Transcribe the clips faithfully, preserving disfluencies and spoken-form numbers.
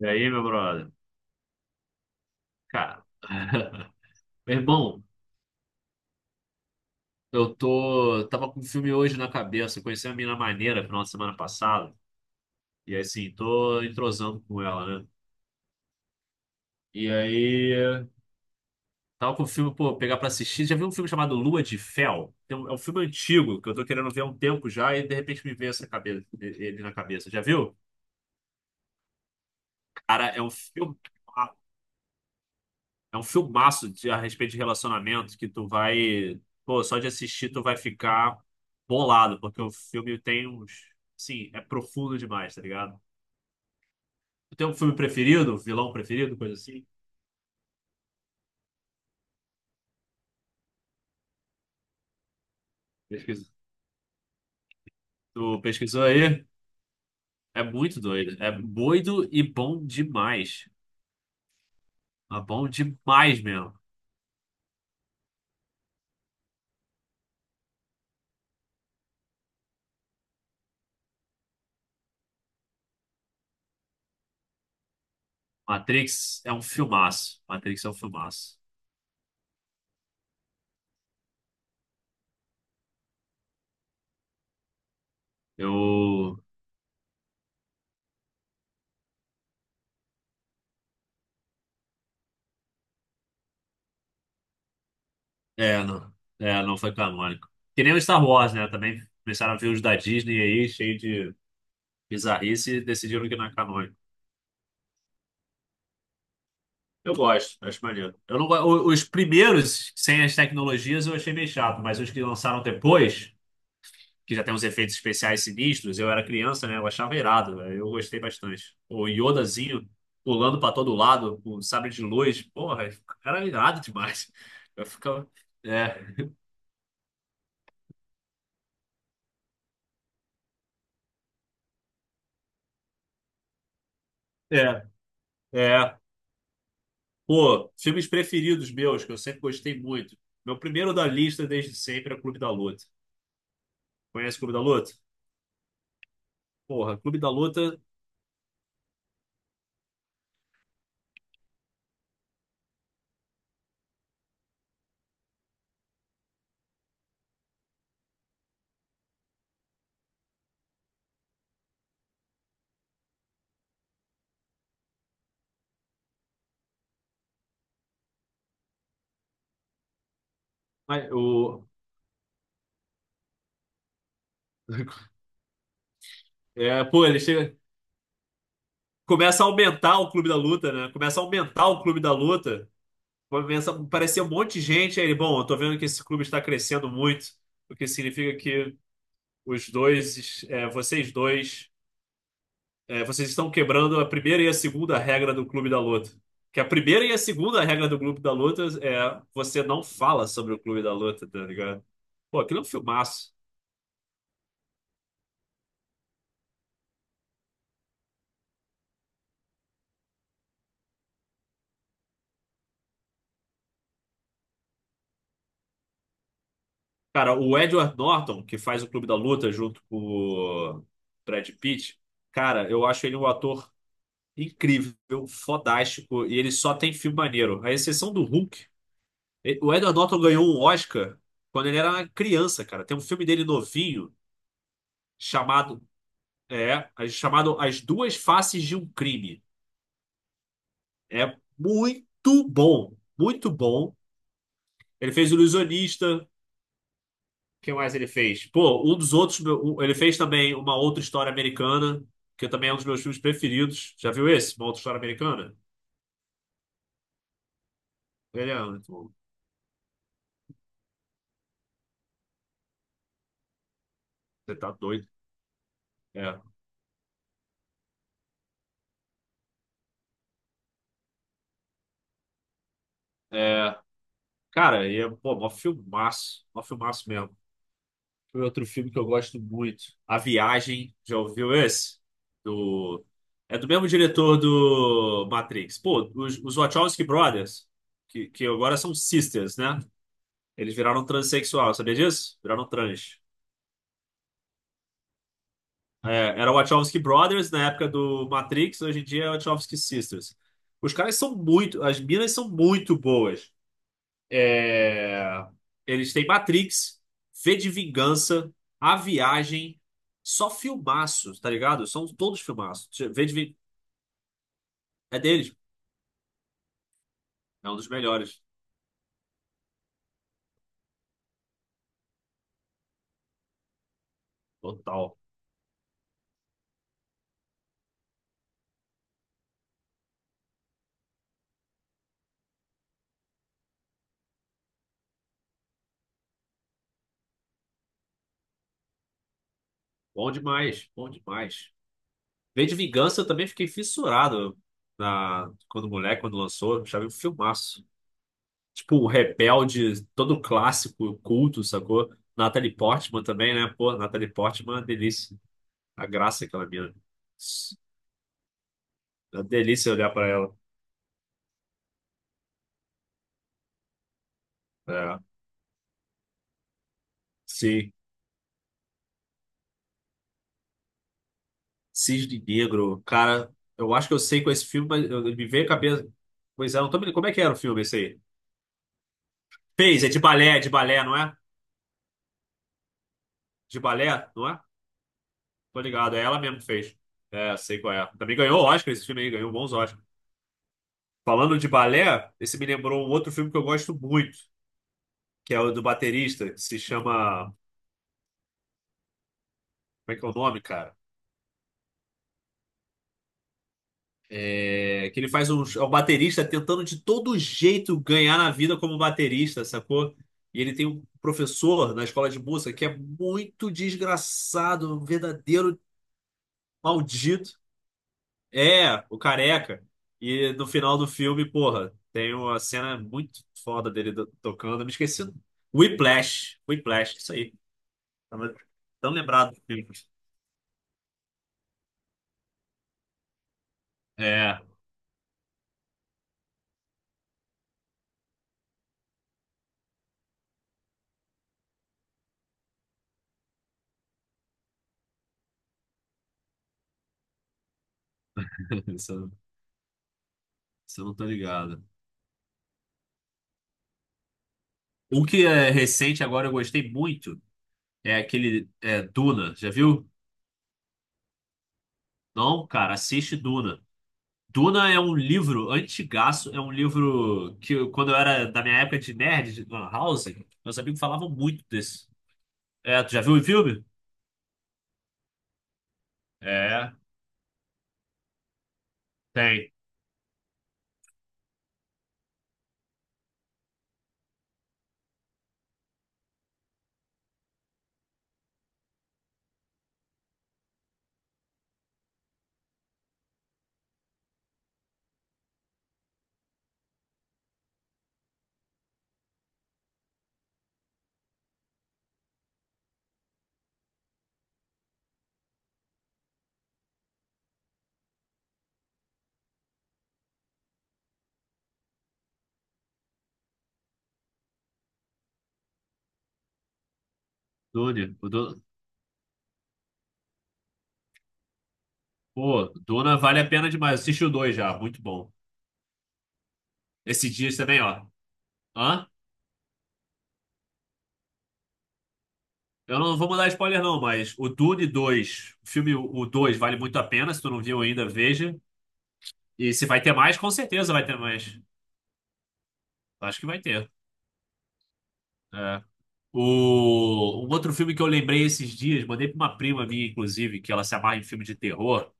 E aí, meu brother? Cara, meu irmão, eu tô, tava com um filme hoje na cabeça. Eu conheci uma mina maneira final de semana passada. E aí, assim, tô entrosando com ela, né? E aí, tava com o filme, pô, pegar pra assistir. Já viu um filme chamado Lua de Fel? Tem um- É um filme antigo que eu tô querendo ver há um tempo já. E de repente me veio essa cabeça, ele na cabeça. Já viu? Cara, é um filme. É um filmaço de, a respeito de relacionamento que tu vai. Pô, só de assistir tu vai ficar bolado, porque o filme tem uns. Sim, é profundo demais, tá ligado? Tu tem um filme preferido, um vilão preferido, coisa assim? Pesquis- Tu pesquisou aí? É muito doido. É doido e bom demais. É bom demais mesmo. Matrix é um filmaço. Matrix é um filmaço. Eu. É, não. É, não foi canônico. Que nem o Star Wars, né? Também começaram a ver os da Disney aí, cheio de. Bizarrice decidiram que não é canônico. Eu gosto, acho maneiro. Eu não, go- o- Os primeiros, sem as tecnologias, eu achei meio chato, mas os que lançaram depois, que já tem uns efeitos especiais sinistros, eu era criança, né? Eu achava irado, velho. Eu gostei bastante. O Yodazinho pulando pra todo lado, com sabre de luz, porra, era irado demais. Eu ficava. É, é, é. Pô, filmes preferidos meus, que eu sempre gostei muito. Meu primeiro da lista desde sempre é Clube da Luta. Conhece Clube da Luta? Porra, Clube da Luta. Mas o. É, pô, ele chega. Começa a aumentar o clube da luta, né? Começa a aumentar o clube da luta. Começa a aparecer um monte de gente. Aí ele, bom, eu tô vendo que esse clube está crescendo muito, o que significa que os dois, é, vocês dois, é, vocês estão quebrando a primeira e a segunda regra do clube da luta. Que a primeira e a segunda regra do clube da luta é você não fala sobre o clube da luta, tá ligado? Pô, aquilo é um filmaço. Cara, o Edward Norton, que faz o Clube da Luta junto com o Brad Pitt, cara, eu acho ele um ator incrível, fodástico, e ele só tem filme maneiro. A exceção do Hulk. E- O Edward Norton ganhou um Oscar quando ele era uma criança, cara. Tem um filme dele novinho chamado, é, é chamado As Duas Faces de um Crime. É muito bom, muito bom. Ele fez O Ilusionista. O que mais ele fez? Pô, um dos outros. um- Ele fez também uma outra história americana, que também é um dos meus filmes preferidos. Já viu esse? Uma outra história americana? Ele é muito bom. Você tá doido. É. É, cara, e é, pô, mó filmaço. Mó filmaço mesmo. Foi outro filme que eu gosto muito. A Viagem. Já ouviu esse? Do... É do mesmo diretor do Matrix. Pô, os, os Wachowski Brothers, que, que agora são sisters, né? Eles viraram transexual, sabia disso? Viraram trans. É, era Wachowski Brothers na época do Matrix, hoje em dia é Wachowski Sisters. Os caras são muito, as minas são muito boas. É, eles têm Matrix, V de Vingança, A Viagem, só filmaços, tá ligado? São todos filmaços. V de Vingança é deles, é um dos melhores. Total. Bom demais, bom demais. V de Vingança eu também fiquei fissurado na, quando moleque, quando lançou, achava um filmaço. Tipo, um Rebelde, todo clássico, culto, sacou? Natalie Portman também, né? Pô, Natalie Portman, é uma delícia. A graça que ela mina. É uma delícia olhar pra ela. É. Sim. Cisne Negro. Cara, eu acho que eu sei com esse filme, mas eu- me veio a cabeça. Pois é, não tô me... Como é que era o filme esse aí? Fez, é de balé, é de balé, não é? De balé, não é? Tô ligado, é ela mesmo que fez. É, sei qual é. Também ganhou Oscar esse filme aí, ganhou bons Oscar. Falando de balé, esse me lembrou um outro filme que eu gosto muito, que é o do baterista, que se chama. Como é que é o nome, cara? É, que ele faz um, é um baterista tentando de todo jeito ganhar na vida como baterista, sacou? E ele tem um professor na escola de música que é muito desgraçado, um verdadeiro maldito. É, o careca. E no final do filme, porra, tem uma cena muito foda dele do- tocando. Eu me esqueci. Whiplash. Whiplash, isso aí. Tava tão lembrado do filme. É, isso eu isso eu não tô ligado. Um que é recente agora eu gostei muito é aquele é, Duna, já viu? Não, cara, assiste Duna. Duna é um livro antigaço, é um livro que eu- quando eu era da minha época de nerd, de Lan House, meus amigos falavam muito desse. É, tu já viu o filme? É, tem. Dune. O Du- Pô, Duna vale a pena demais. Assisti o dois já, muito bom. Esse dia também, ó. Hã? Eu não vou mandar spoiler não, mas o Dune dois, o filme o dois vale muito a pena, se tu não viu ainda, veja. E se vai ter mais, com certeza vai ter mais. Acho que vai ter. É. O... Um outro filme que eu lembrei esses dias, mandei pra uma prima minha, inclusive, que ela se amarra em filme de terror.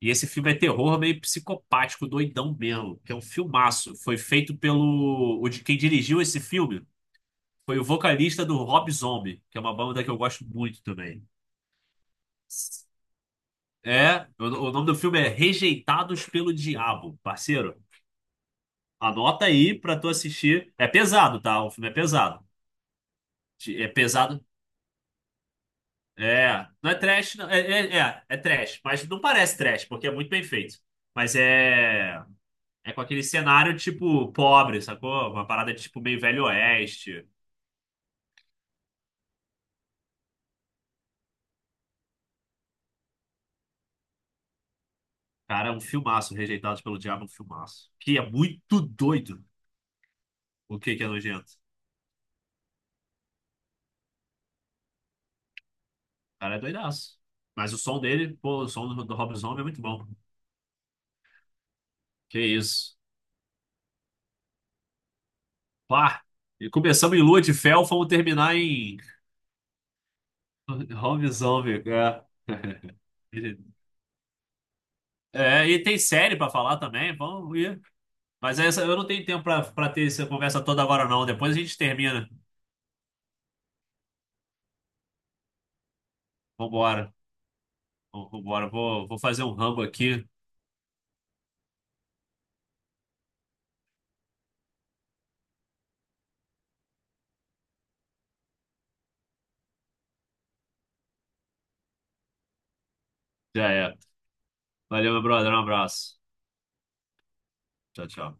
E esse filme é terror meio psicopático, doidão mesmo, que é um filmaço. Foi feito pelo. O de quem dirigiu esse filme foi o vocalista do Rob Zombie, que é uma banda que eu gosto muito também. É, o, o nome do filme é Rejeitados pelo Diabo, parceiro. Anota aí pra tu assistir. É pesado, tá? O filme é pesado. É pesado. É, não é trash, não. É, é, é, é trash, mas não parece trash, porque é muito bem feito. Mas é, é com aquele cenário tipo pobre, sacou? Uma parada tipo meio Velho Oeste. Cara, é um filmaço, Rejeitados pelo Diabo, é um filmaço. Que é muito doido. O que que é nojento? O cara é doidaço. Mas o som dele, pô, o som do, do Rob Zombie é muito bom. Que isso. Pá! E começamos em Lua de Fel, vamos terminar em Rob Zombie. É, é, e tem série pra falar também. Vamos, mas essa, eu não tenho tempo pra, pra ter essa conversa toda agora, não. Depois a gente termina. Vambora. Vambora. Vou, vou fazer um rambo aqui. Já é. Valeu, meu brother. Um abraço. Tchau, tchau.